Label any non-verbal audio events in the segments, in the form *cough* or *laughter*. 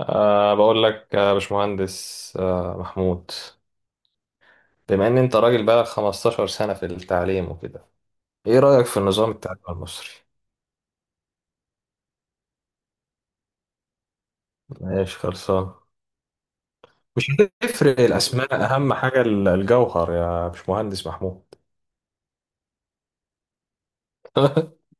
بقول لك يا باشمهندس محمود. بما ان انت راجل بقالك 15 سنة في التعليم وكده، ايه رأيك في النظام التعليمي المصري؟ ماشي، خلصان. مش هتفرق الاسماء، اهم حاجة الجوهر يا باشمهندس محمود. *laughs*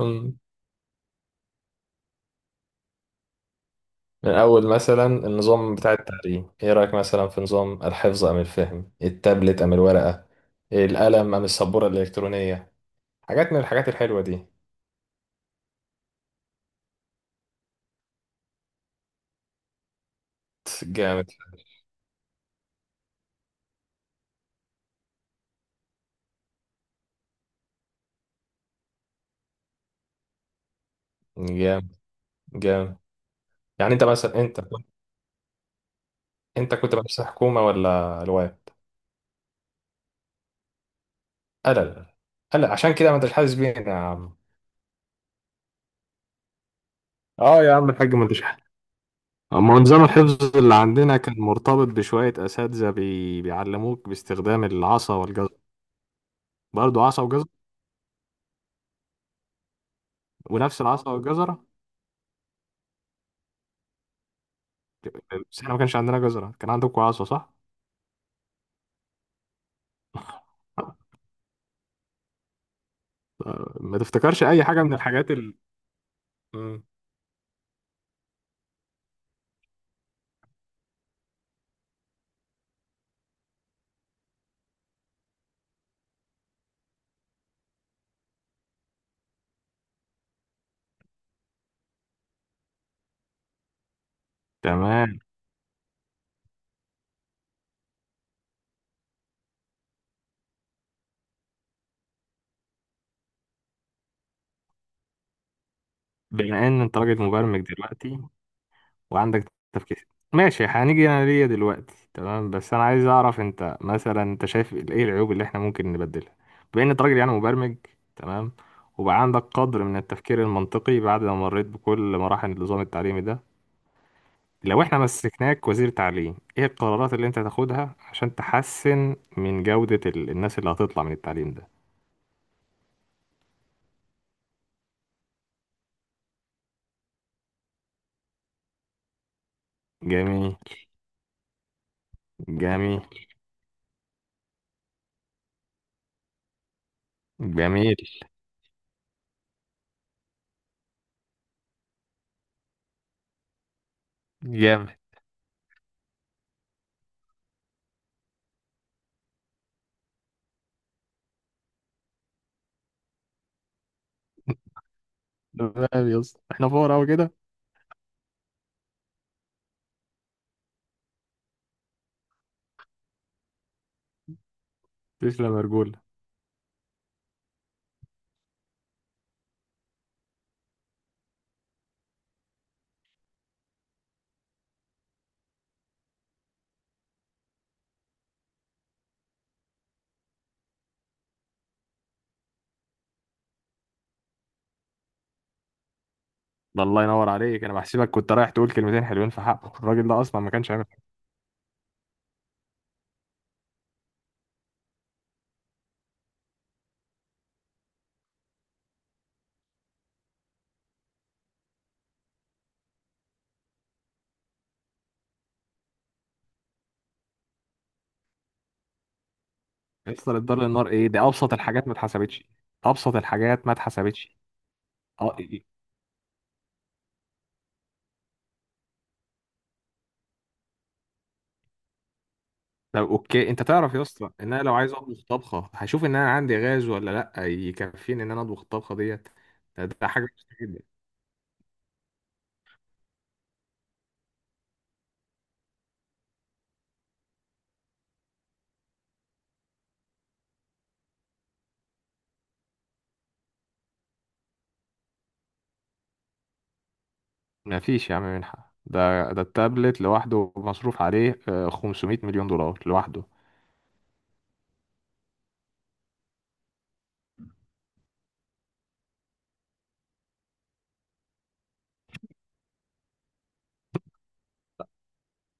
أمم. من اول مثلا النظام بتاع التعليم، ايه رأيك مثلا في نظام الحفظ ام الفهم، التابلت ام الورقة، القلم ام السبورة الالكترونية، حاجات من الحاجات الحلوة دي. جامد، جامد، جامد. يعني انت مثلا انت كنت مدرسة حكومة ولا الواد؟ لا، لا، لا، لا، عشان كده ما انتش حاسس بينا يا عم. اه يا عم الحاج، ما انتش حاسس. اما نظام الحفظ اللي عندنا كان مرتبط بشوية أساتذة بيعلموك باستخدام العصا والجزر. برضه عصا وجزر ونفس العصا والجزرة. بس احنا ما كانش عندنا جزرة، كان عندكم عصا صح؟ *laughs* ما تفتكرش أي حاجة من الحاجات مم. تمام. بما إن أنت راجل مبرمج دلوقتي وعندك تفكير، ماشي. هنيجي انا ليا دلوقتي، تمام، بس انا عايز اعرف انت مثلا شايف ايه العيوب اللي احنا ممكن نبدلها؟ بما ان انت راجل يعني مبرمج، تمام، وبقى عندك قدر من التفكير المنطقي بعد ما مريت بكل مراحل النظام التعليمي ده، لو احنا مسكناك وزير تعليم ايه القرارات اللي انت تاخدها عشان تحسن من جودة الناس اللي هتطلع من التعليم ده؟ جميل، جميل، جميل. جامد. تمام يا اسطى، احنا فقراء أوي كده. تسلم يا رجولة. ده الله ينور عليك، انا بحسبك كنت رايح تقول كلمتين حلوين في حقه، الراجل ده اصلا ما كانش عامل حاجه. يصل الدار للنار؟ ايه ده، ابسط الحاجات ما اتحسبتش. ابسط الحاجات ما اتحسبتش. اه إيه. إيه. طب اوكي، انت تعرف يا اسطى ان انا لو عايز اطبخ طبخه هشوف ان انا عندي غاز ولا لا يكفيني ان انا اطبخ الطبخه ديت. ده حاجه مستحيل جدا. ما فيش يا عم منحه. ده التابلت لوحده مصروف عليه 500 مليون دولار لوحده.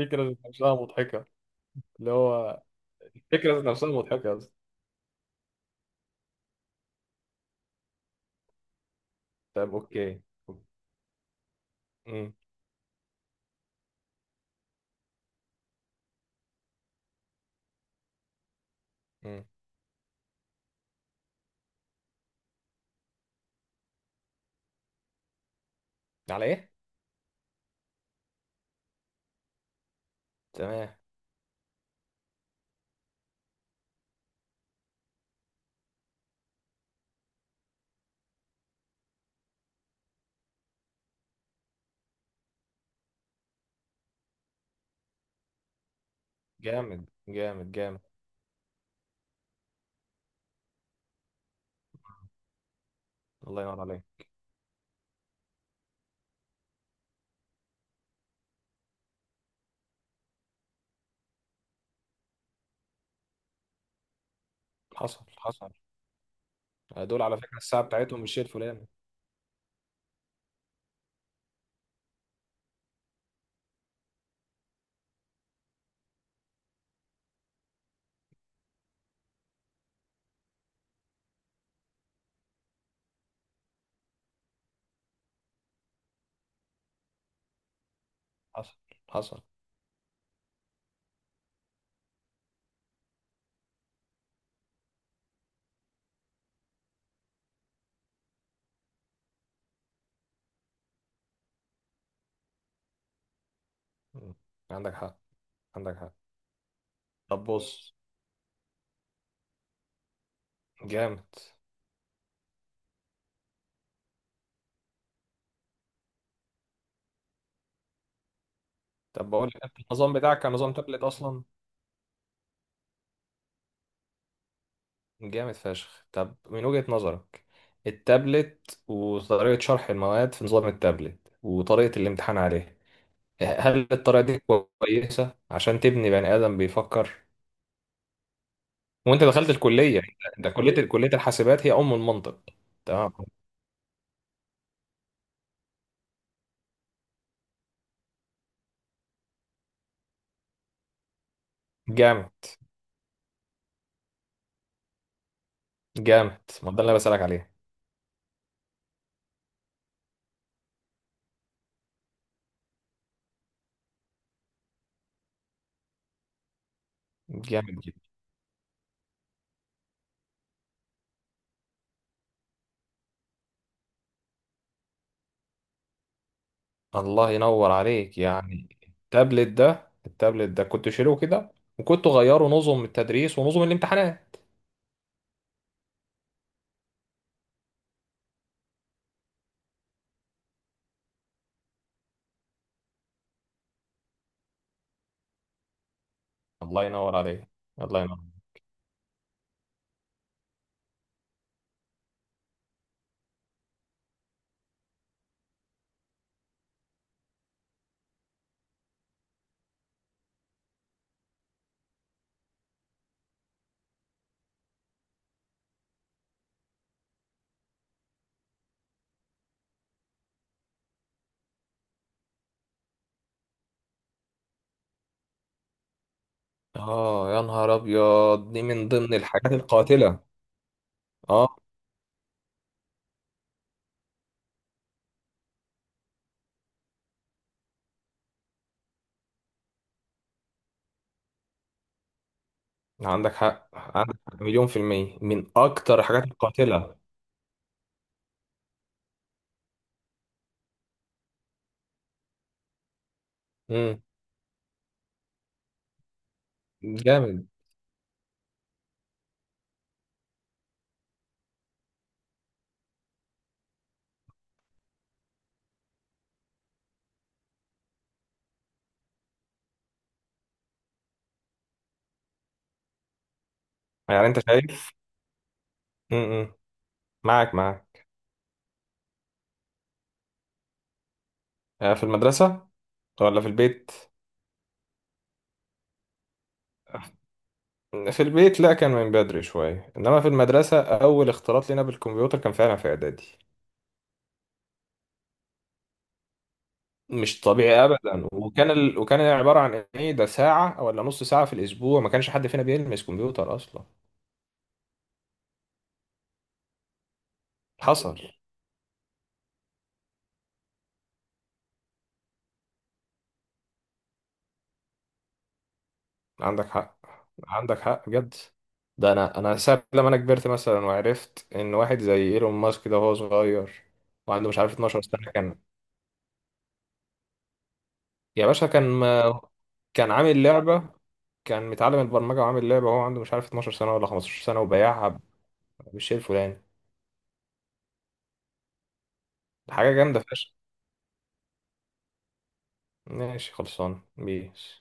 الفكرة ذات نفسها مضحكة. اللي هو الفكرة ذات نفسها مضحكة يا اسطى. طب اوكي. مم. مم. على ايه؟ تمام. جامد، جامد، جامد. الله ينور عليك. حصل، حصل. دول على فكرة الساعة بتاعتهم مش هي الفلاني. حصل، حصل. مم. عندك حق، عندك حق. طب بص. جامد. طب بقول لك انت، النظام بتاعك كان نظام تابلت اصلا. جامد فشخ. طب من وجهة نظرك، التابلت وطريقة شرح المواد في نظام التابلت وطريقة الامتحان عليه، هل الطريقة دي كويسة عشان تبني بني آدم بيفكر؟ وانت دخلت الكليه، ده كليه الحاسبات هي ام المنطق. تمام. جامد، جامد. ما ده اللي انا بسالك عليه. جامد جدا. الله ينور عليك يعني. التابلت ده كنت شيله كده، وكنت غيره نظم التدريس ونظم الامتحانات. الله ينور عليك. الله ينور. اه يا نهار ابيض، دي من ضمن الحاجات القاتله. اه. عندك حق، عندك حق، مليون في المية من اكتر الحاجات القاتله. امم جامد. يعني انت شايف؟ امم معاك، معاك. في المدرسة ولا في البيت؟ في البيت، لا كان من بدري شوية، إنما في المدرسة أول اختلاط لنا بالكمبيوتر كان فعلا في إعدادي. مش طبيعي أبدا. وكان عبارة عن إيه ده، ساعة ولا نص ساعة في الأسبوع. ما كانش حد فينا بيلمس كمبيوتر أصلا. حصل. عندك حق، عندك حق بجد. ده أنا ساعة لما أنا كبرت مثلا، وعرفت إن واحد زي إيلون ماسك ده وهو صغير وعنده مش عارف 12 سنة كان. يا باشا كان ما... كان عامل لعبة. كان متعلم البرمجة وعامل لعبة وهو عنده مش عارف 12 سنة ولا 15 سنة وبيعها بالشيء الفلاني. حاجة جامدة فشخ. ماشي خلصان بيس.